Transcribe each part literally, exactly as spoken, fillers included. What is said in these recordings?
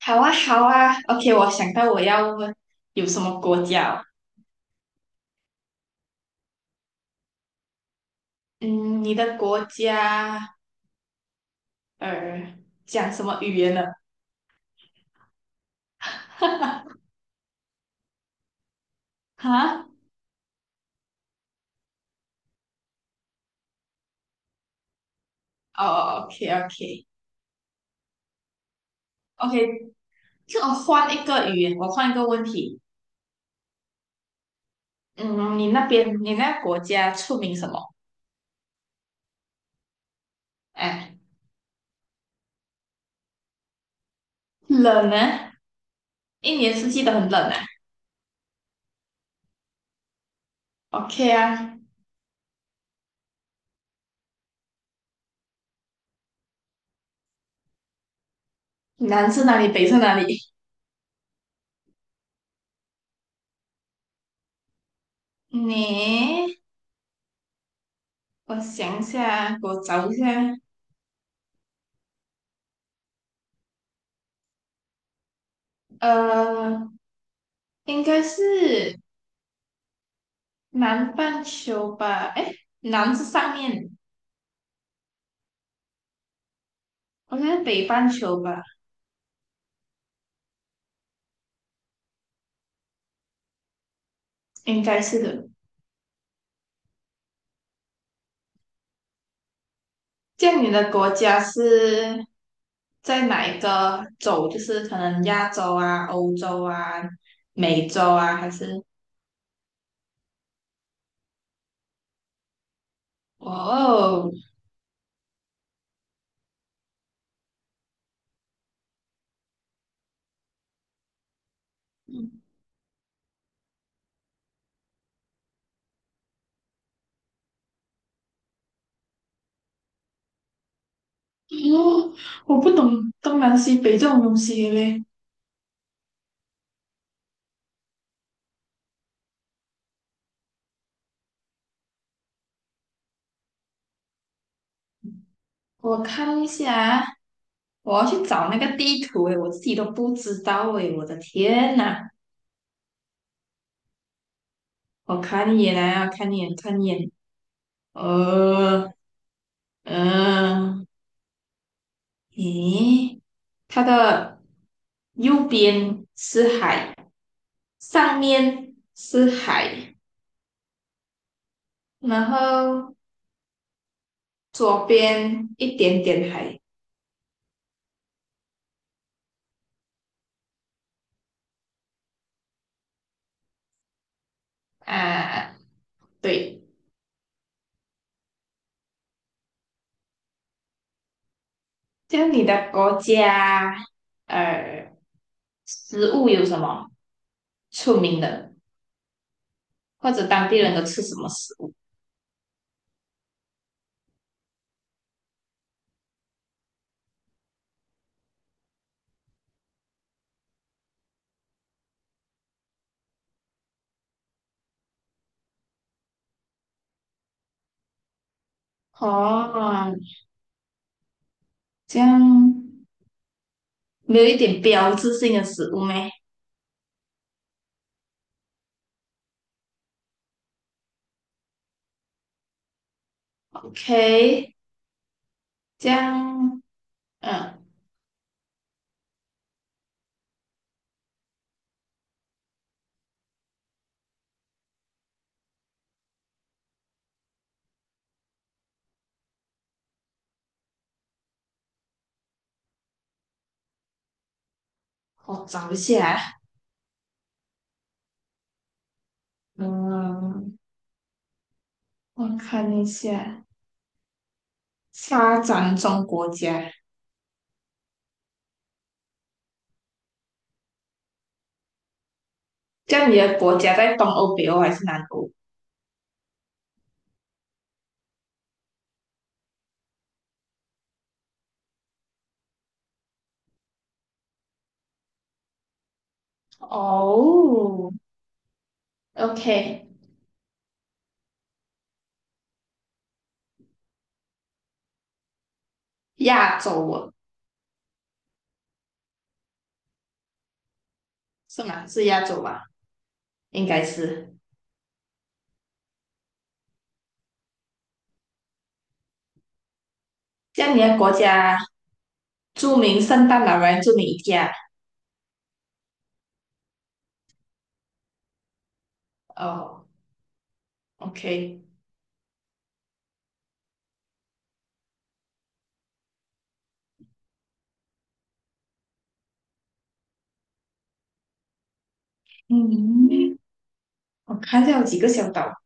好啊，好啊，OK，我想到我要问有什么国家哦。嗯，你的国家呃讲什么语言呢？哈，哦，OK，OK，OK，就我换一个语言，我换一个问题。嗯，你那边你那国家出名什么？哎，冷呢？一年四季都很冷啊。OK 啊，南是哪里，北是哪里？你，我想一下，给我找一下。呃，应该是。南半球吧？哎，南是上面，我觉得北半球吧，应该是的。这样你的国家是在哪一个洲？就是可能亚洲啊、欧洲啊、美洲啊，还是？哇哦，哦，我不懂东南西北这种东西嘞。我看一下，我要去找那个地图诶，我自己都不知道诶，我的天呐！我看一眼啊，看一眼，看一眼，呃，嗯，咦，它的右边是海，上面是海，然后左边一点点海啊，对。像你的国家，呃，食物有什么出名的，或者当地人都吃什么食物？哦，这样没有一点标志性的食物咩？OK，这样，嗯。我找一下，嗯，我看一下，发展中国家，这样你的国家在东欧、北欧还是南欧？哦，OK，亚洲哦，是吗？是亚洲吧？应该是。这样你的国家著名圣诞老人著名一家哦，OK，嗯，我看一下有几个小岛，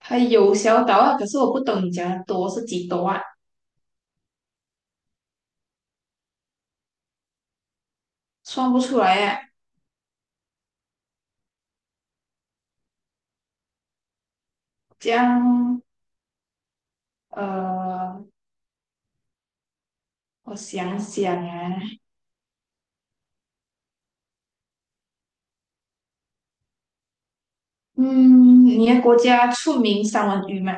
它有小岛啊，可是我不懂你讲的多是几多啊，算不出来啊。这样，呃，我想想啊，嗯，你的国家出名三文鱼吗？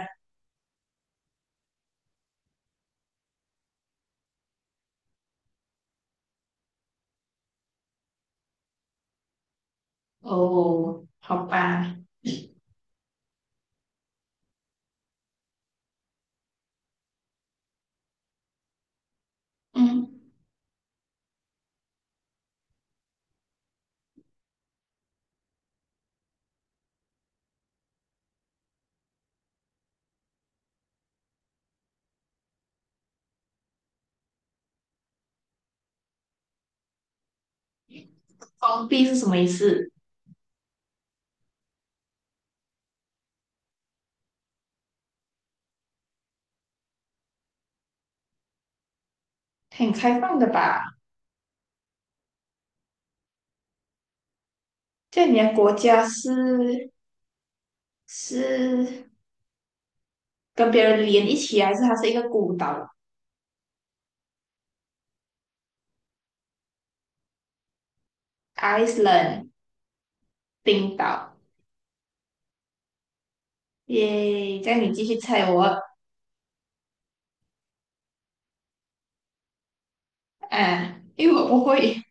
哦，好吧，嗯，封闭是什么意思？很开放的吧？在你的国家是是跟别人连一起啊，还是它是一个孤岛？Iceland，冰岛。耶，这样你继续猜我啊，因为我不会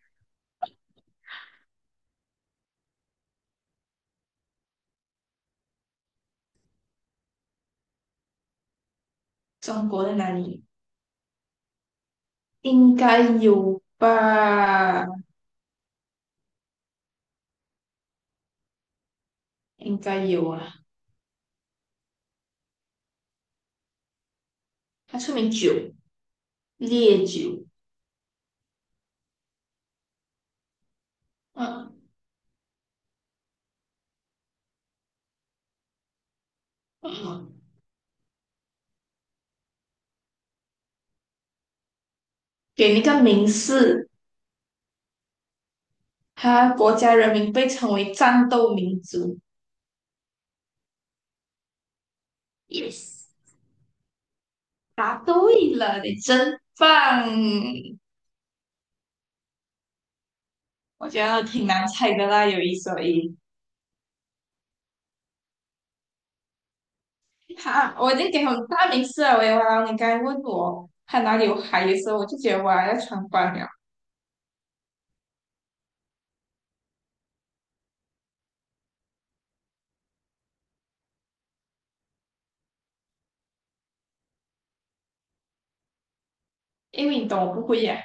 中国在哪里，应该有吧？应该有啊，它出名酒，烈酒。嗯。嗯给那个名士，他国家人民被称为战斗民族。Yes，答对了，你真棒！我觉得挺难猜的啦，有一说一。好，我已经给很大名次了，喂，哇，你刚才问我他哪里有海的时候我就觉得哇要穿帮了，因为你懂我不会呀、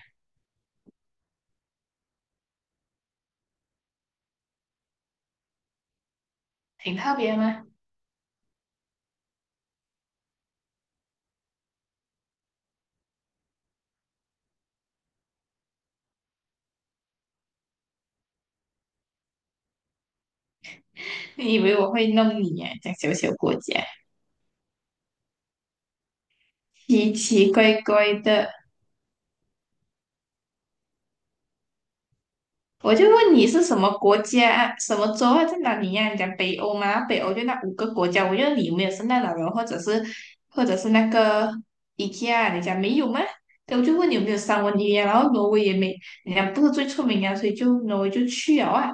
挺特别吗？你以为我会弄你呀、讲小小国家，奇奇怪怪的。我就问你是什么国家啊、什么州啊，在哪里呀、你讲北欧吗？北欧就那五个国家，我就有没有圣诞老人，或者是或者是那个 IKEA 你讲没有吗？对，我就问你有没有三文鱼啊，然后挪威也没，人家不是最出名啊，所以就挪威就去了啊，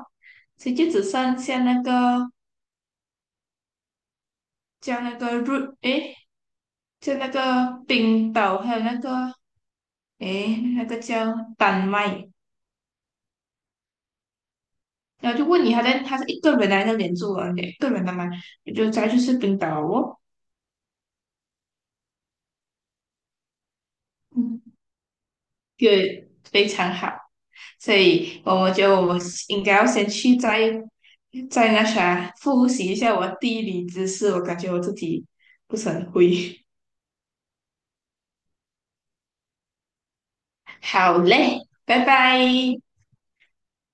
所以就只剩下那个叫那个瑞，诶，叫那个冰岛，还有那个诶，那个叫丹麦，然后就问你，他在他是一个人来那边住啊，一个人的嘛，我就再去吃冰岛哦，嗯，就非常好，所以我觉得我应该要先去再再那啥复习一下我地理知识，我感觉我自己不是很会，好嘞，拜拜。